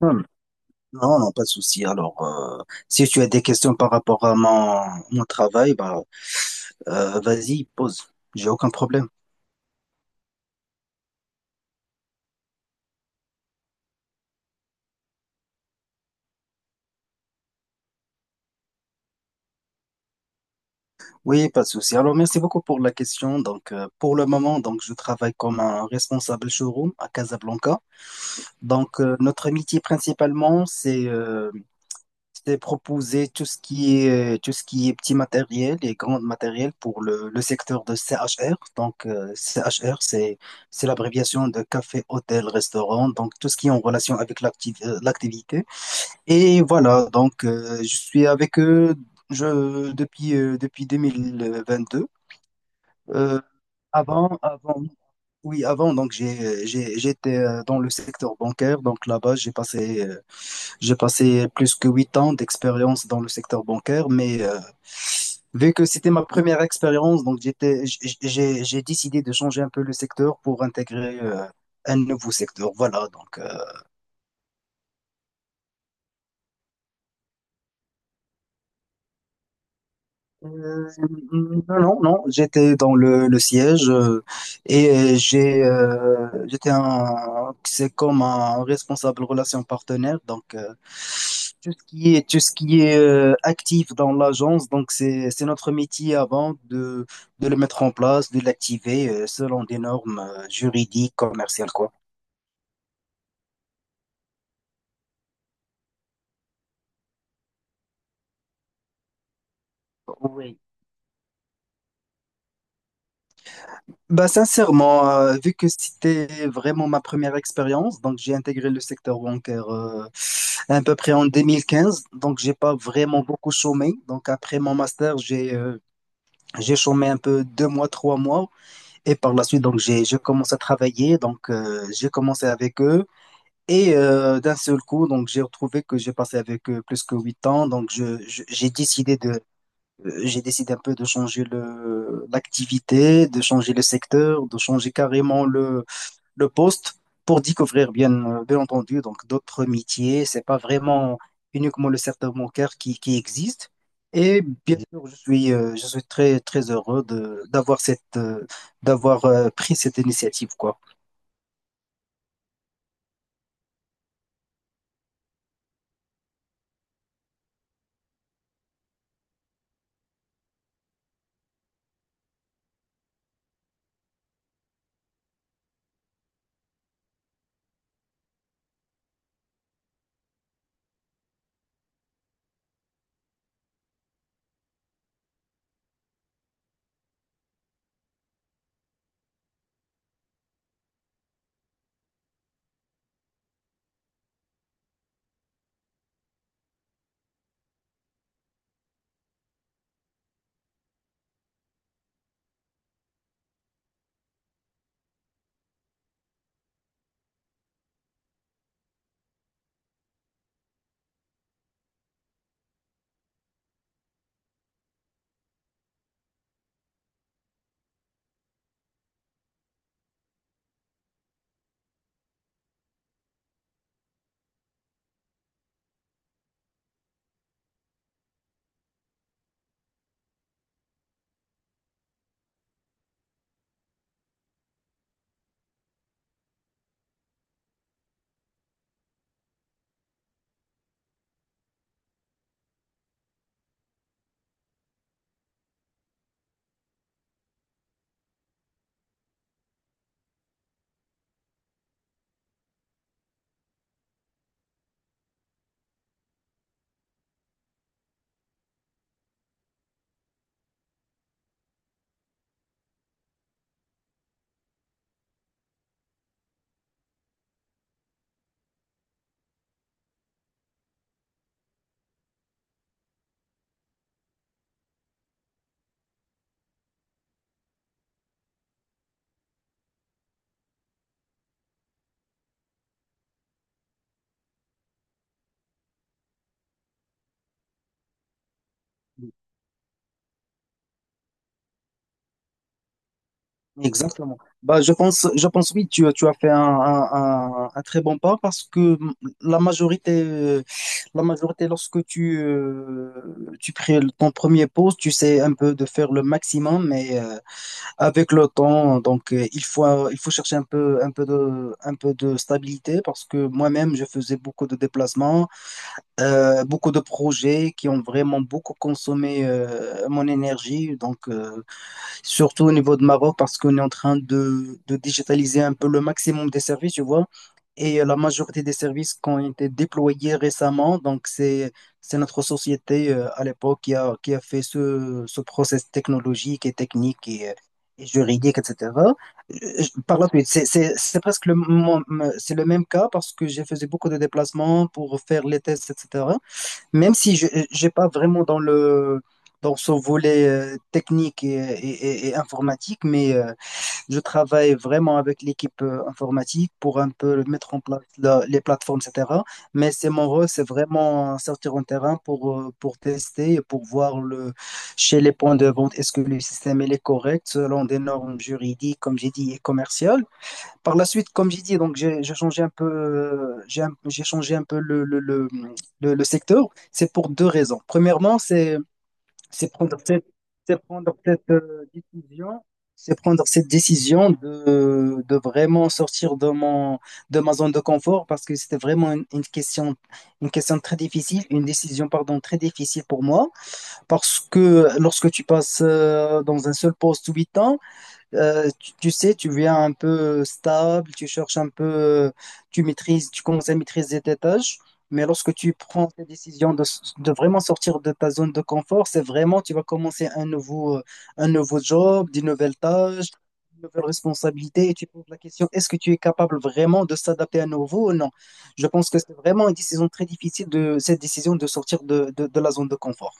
Hum, Non, non, pas de souci. Alors, si tu as des questions par rapport à mon travail, vas-y, pose. J'ai aucun problème. Oui, pas de souci. Alors, merci beaucoup pour la question. Donc, pour le moment, donc, je travaille comme un responsable showroom à Casablanca. Donc, notre métier principalement, c'était proposer tout ce qui est, tout ce qui est petit matériel et grand matériel pour le secteur de CHR. Donc, CHR, c'est l'abréviation de café, hôtel, restaurant. Donc, tout ce qui est en relation avec l'activité. Et voilà, donc, je suis avec eux depuis, depuis 2022. Euh, avant, avant, oui, avant, donc, j'étais dans le secteur bancaire. Donc, là-bas, j'ai passé plus que 8 ans d'expérience dans le secteur bancaire, mais vu que c'était ma première expérience, donc j'ai décidé de changer un peu le secteur pour intégrer un nouveau secteur. Voilà, donc Euh, non, non, non, j'étais dans le siège et j'étais un c'est comme un responsable relation partenaire donc tout ce qui est tout ce qui est actif dans l'agence donc c'est notre métier avant de le mettre en place, de l'activer selon des normes juridiques, commerciales quoi. Oui. Bah, sincèrement, vu que c'était vraiment ma première expérience, donc j'ai intégré le secteur bancaire à peu près en 2015, donc j'ai pas vraiment beaucoup chômé. Donc après mon master, j'ai chômé un peu 2 mois, 3 mois, et par la suite, donc j'ai je commence à travailler. Donc j'ai commencé avec eux et d'un seul coup, donc j'ai retrouvé que j'ai passé avec eux plus que 8 ans. Donc j'ai décidé de J'ai décidé un peu de changer l'activité, de changer le secteur, de changer carrément le poste pour découvrir, bien, bien entendu, donc d'autres métiers. C'est pas vraiment uniquement le secteur bancaire qui existe. Et bien sûr, je suis très, très heureux de, d'avoir pris cette initiative, quoi. Exactement. Bah, je pense oui, tu as fait un très bon pas parce que la majorité, euh, la majorité lorsque tu crées ton premier poste, tu sais un peu de faire le maximum, mais avec le temps, donc il faut chercher un peu de stabilité parce que moi-même, je faisais beaucoup de déplacements, beaucoup de projets qui ont vraiment beaucoup consommé mon énergie, donc. Surtout au niveau de Maroc, parce qu'on est en train de digitaliser un peu le maximum des services, tu vois. Et la majorité des services qui ont été déployés récemment, donc c'est notre société à l'époque qui a fait ce process technologique et technique et et juridique, etc. Par la suite, c'est presque c'est le même cas parce que j'ai fait beaucoup de déplacements pour faire les tests, etc. Même si je n'ai pas vraiment dans le dans ce volet technique et et informatique, mais je travaille vraiment avec l'équipe informatique pour un peu mettre en place les plateformes, etc. Mais c'est mon rôle, c'est vraiment sortir en terrain pour tester et pour voir chez les points de vente, est-ce que le système il est correct selon des normes juridiques, comme j'ai dit, et commerciales. Par la suite, comme j'ai dit, donc j'ai changé un peu, j'ai changé un peu le secteur. C'est pour deux raisons. Premièrement, c'est prendre cette, c'est prendre c'est prendre cette décision de vraiment sortir de mon de ma zone de confort parce que c'était vraiment une question très difficile, une décision pardon très difficile pour moi parce que lorsque tu passes dans un seul poste 8 ans. Tu sais, tu viens un peu stable, tu cherches un peu, tu commences à maîtriser tes tâches, mais lorsque tu prends tes décisions de vraiment sortir de ta zone de confort, c'est vraiment, tu vas commencer un nouveau job, des nouvelles tâches, des nouvelles responsabilités, et tu poses la question, est-ce que tu es capable vraiment de s'adapter à nouveau ou non? Je pense que c'est vraiment une décision très difficile de cette décision de sortir de la zone de confort.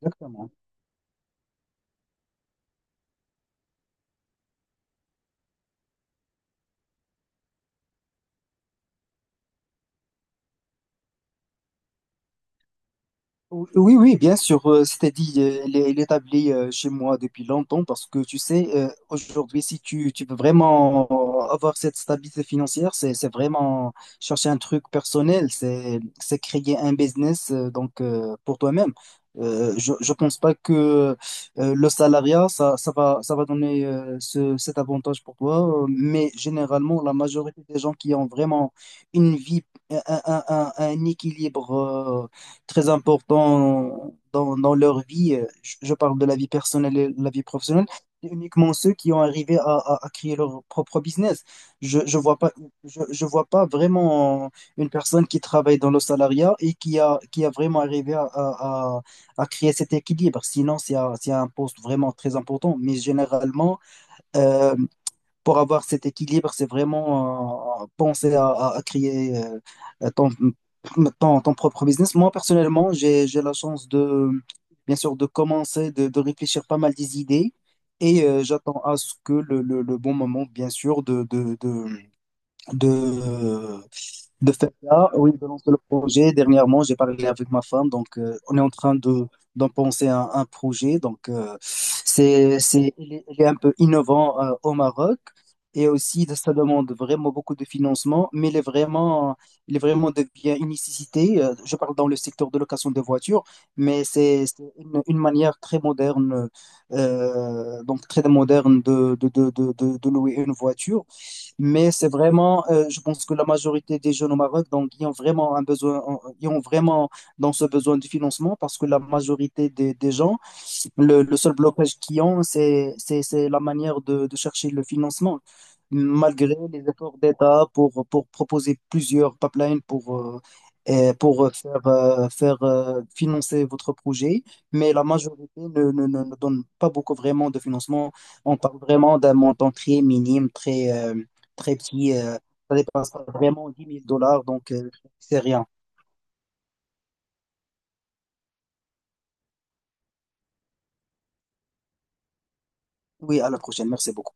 Exactement. Oui, oui, bien sûr. C'est-à-dire, elle est établie chez moi depuis longtemps parce que tu sais, aujourd'hui, si tu, tu veux vraiment avoir cette stabilité financière, c'est vraiment chercher un truc personnel, c'est créer un business pour toi-même. Je ne pense pas que le salariat, ça va donner cet avantage pour toi, mais généralement, la majorité des gens qui ont vraiment une vie, un, un équilibre très important dans, dans leur vie. Je parle de la vie personnelle et la vie professionnelle. C'est uniquement ceux qui ont arrivé à créer leur propre business. Je, je vois pas, je vois pas vraiment une personne qui travaille dans le salariat et qui a vraiment arrivé à créer cet équilibre. Sinon, c'est un poste vraiment très important. Mais généralement, euh, pour avoir cet équilibre, c'est vraiment penser à créer euh, ton, ton propre business. Moi, personnellement, j'ai la chance de, bien sûr, de commencer, de réfléchir pas mal des idées et j'attends à ce que le bon moment, bien sûr, de, de faire ça oui, de lancer le projet. Dernièrement, j'ai parlé avec ma femme, donc on est en train de d'en penser un projet. Donc, il est un peu innovant au Maroc et aussi ça demande vraiment beaucoup de financement, il est vraiment devient une nécessité. Je parle dans le secteur de location de voitures, mais une manière très moderne, très moderne de louer une voiture. Mais c'est vraiment, je pense que la majorité des jeunes au Maroc, donc, ils ont vraiment un besoin, ils ont vraiment dans ce besoin de financement parce que la majorité des gens, le seul blocage qu'ils ont, c'est la manière de chercher le financement. Malgré les efforts d'État pour proposer plusieurs pipelines pour faire, faire financer votre projet, mais la majorité ne donne pas beaucoup vraiment de financement. On parle vraiment d'un montant très minime, très petit. Ça dépasse vraiment 10 000 dollars, donc c'est rien. Oui, à la prochaine. Merci beaucoup.